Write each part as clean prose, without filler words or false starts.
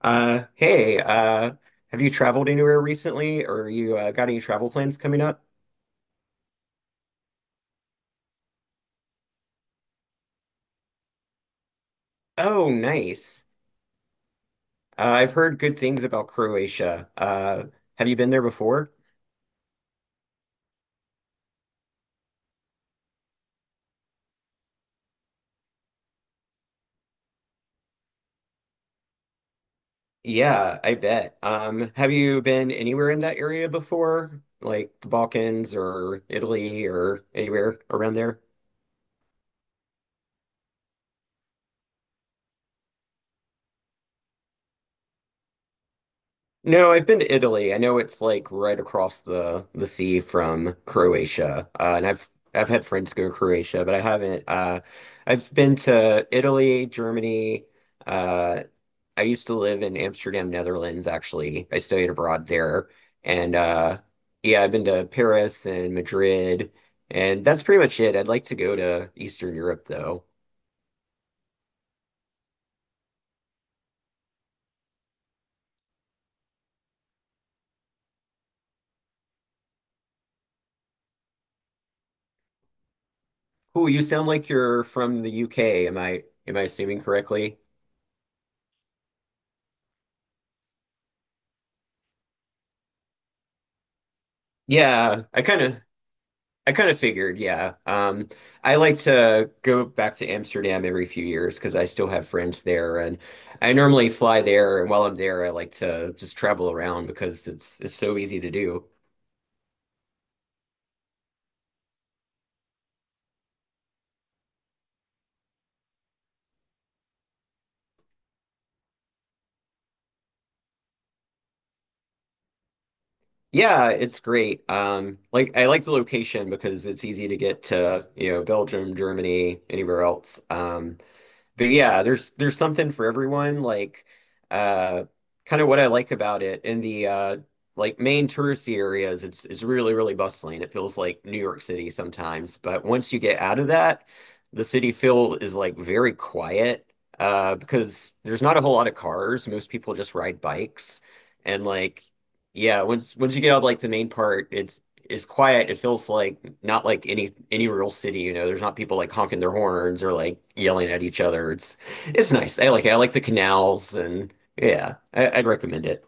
Uh, hey, uh, have you traveled anywhere recently, or you got any travel plans coming up? Oh, nice. I've heard good things about Croatia. Have you been there before? Yeah, I bet. Have you been anywhere in that area before, like the Balkans or Italy or anywhere around there? No, I've been to Italy. I know it's like right across the sea from Croatia. And I've had friends go to Croatia, but I haven't. I've been to Italy, Germany. Uh, I used to live in Amsterdam, Netherlands, actually. I studied abroad there. And Yeah, I've been to Paris and Madrid. And that's pretty much it. I'd like to go to Eastern Europe though. Ooh, you sound like you're from the UK. Am I assuming correctly? Yeah, I kind of figured, yeah. I like to go back to Amsterdam every few years because I still have friends there, and I normally fly there. And while I'm there, I like to just travel around because it's so easy to do. Yeah, it's great. Like I like the location because it's easy to get to, you know, Belgium, Germany, anywhere else. But yeah, there's something for everyone. Uh Kind of what I like about it in the like main touristy areas, it's really, really bustling. It feels like New York City sometimes. But once you get out of that, the city feel is like very quiet because there's not a whole lot of cars. Most people just ride bikes and like yeah, once you get out of like the main part, it's quiet. It feels like not like any real city, you know. There's not people like honking their horns or like yelling at each other. It's nice. I like it. I like the canals and yeah, I'd recommend it.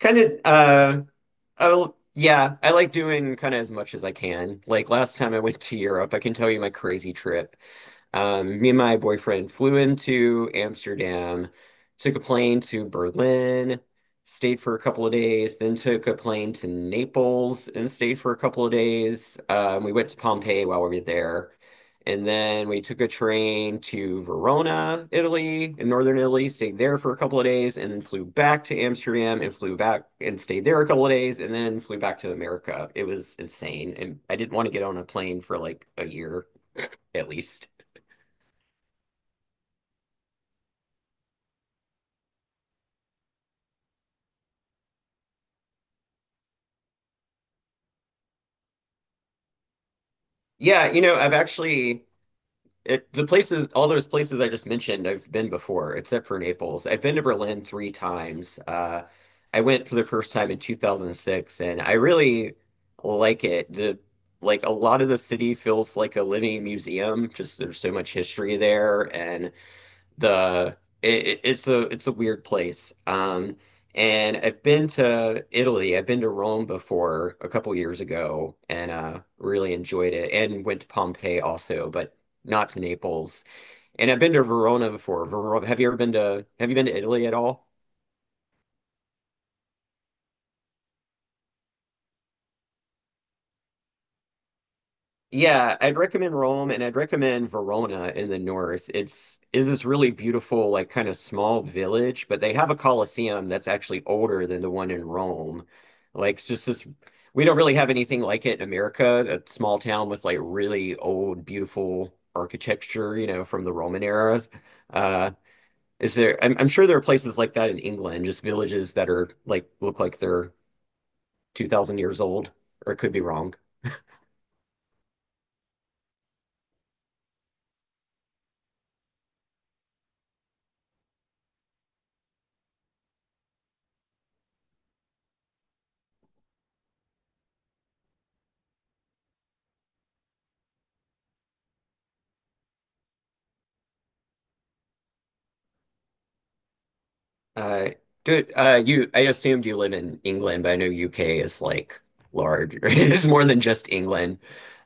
Kind of uh oh yeah, I like doing kind of as much as I can. Like last time I went to Europe, I can tell you my crazy trip. Me and my boyfriend flew into Amsterdam, took a plane to Berlin, stayed for a couple of days, then took a plane to Naples and stayed for a couple of days. We went to Pompeii while we were there. And then we took a train to Verona, Italy, in northern Italy, stayed there for a couple of days, and then flew back to Amsterdam and flew back and stayed there a couple of days, and then flew back to America. It was insane. And I didn't want to get on a plane for like a year at least. Yeah, you know, I've the places, all those places I just mentioned, I've been before, except for Naples. I've been to Berlin three times. I went for the first time in 2006, and I really like it. The Like a lot of the city feels like a living museum. Just there's so much history there, and the it's a weird place. And I've been to Italy. I've been to Rome before a couple years ago and really enjoyed it and went to Pompeii also, but not to Naples. And I've been to Verona before. Verona, have you been to Italy at all? Yeah, I'd recommend Rome and I'd recommend Verona in the north. It's is this really beautiful, like kind of small village, but they have a Colosseum that's actually older than the one in Rome. Like it's just this We don't really have anything like it in America, a small town with like really old, beautiful architecture, you know, from the Roman era. Uh is there I'm sure there are places like that in England, just villages that are like look like they're 2000 years old, or it could be wrong. Uh, do you? I assumed you live in England, but I know UK is like large. It's more than just England.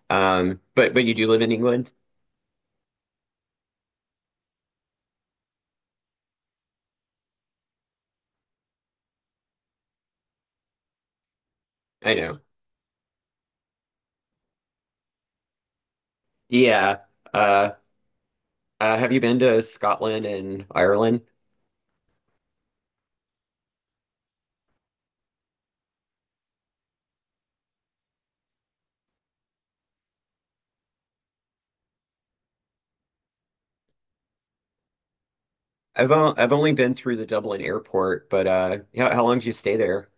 But you do live in England? I know. Yeah. Uh, have you been to Scotland and Ireland? I've only been through the Dublin airport, but how long did you stay there?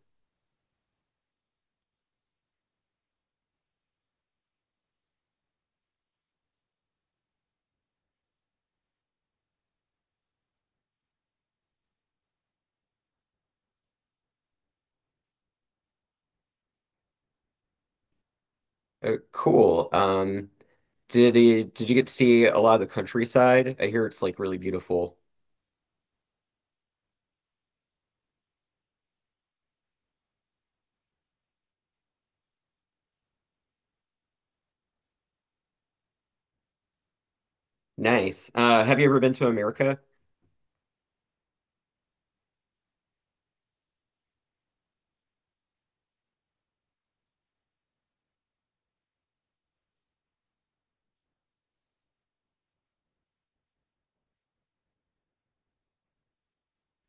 Cool. Did you get to see a lot of the countryside? I hear it's like really beautiful. Nice. Have you ever been to America?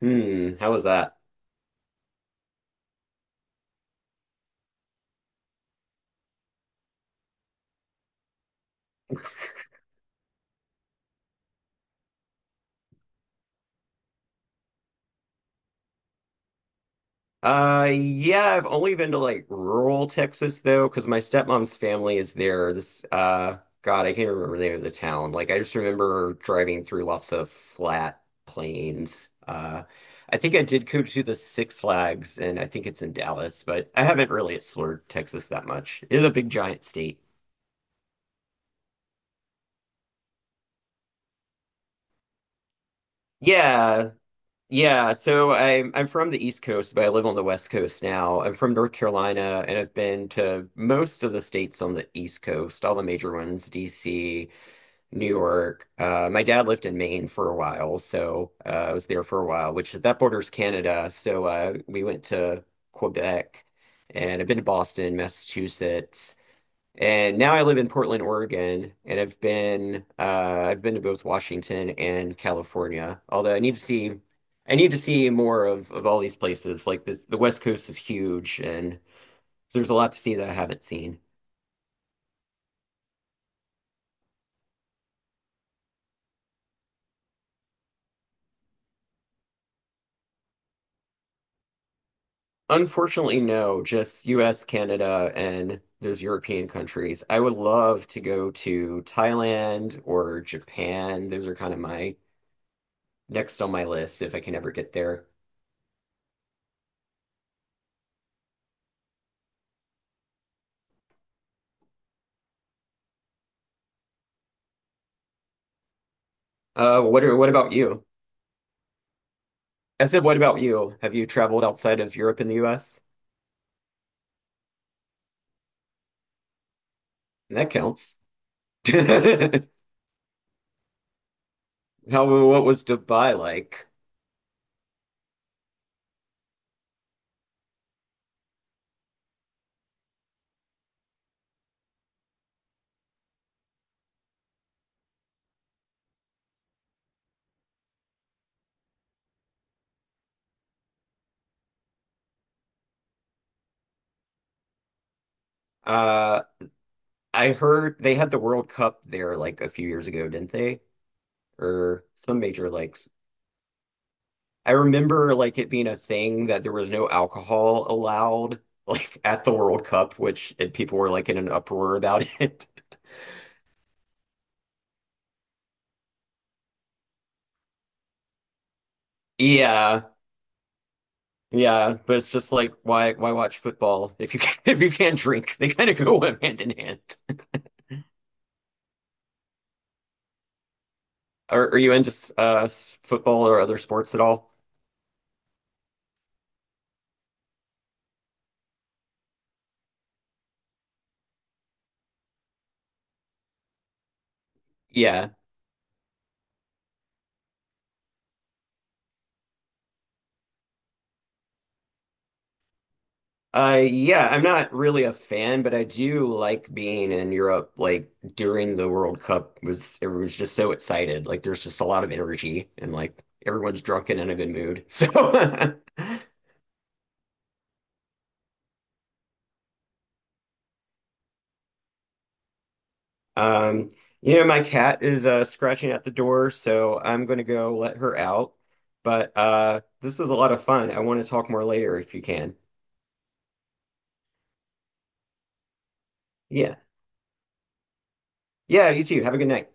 Hmm. How was that? Yeah, I've only been to like rural Texas though, because my stepmom's family is there. God, I can't remember the name of the town. Like, I just remember driving through lots of flat plains. I think I did go to the Six Flags, and I think it's in Dallas, but I haven't really explored Texas that much. It's a big, giant state. Yeah, Yeah, so I'm from the East Coast, but I live on the West Coast now. I'm from North Carolina, and I've been to most of the states on the East Coast, all the major ones, DC, New York. My dad lived in Maine for a while, so I was there for a while, which that borders Canada. So we went to Quebec, and I've been to Boston, Massachusetts. And now I live in Portland, Oregon, and I've been to both Washington and California. Although I need to see more of all these places. The West Coast is huge, and there's a lot to see that I haven't seen. Unfortunately, no, just U.S., Canada, and those European countries. I would love to go to Thailand or Japan. Those are kind of my next on my list if I can ever get there. What about you? I said, what about you? Have you traveled outside of Europe and the US? That counts. How, what was Dubai like? Uh, I heard they had the World Cup there like a few years ago, didn't they? Or some major likes. I remember like it being a thing that there was no alcohol allowed like at the World Cup, which and people were like in an uproar about it. Yeah. Yeah, but it's just like why watch football if you can if you can't drink? They kind of go hand in hand. Are you into uh, football or other sports at all? Yeah. Yeah, I'm not really a fan, but I do like being in Europe. Like during the World Cup was everyone's just so excited. Like there's just a lot of energy and like everyone's drunk and in a good mood. So um, you know, my cat is scratching at the door, so I'm gonna go let her out. But this was a lot of fun. I want to talk more later if you can. Yeah. Yeah, you too. Have a good night.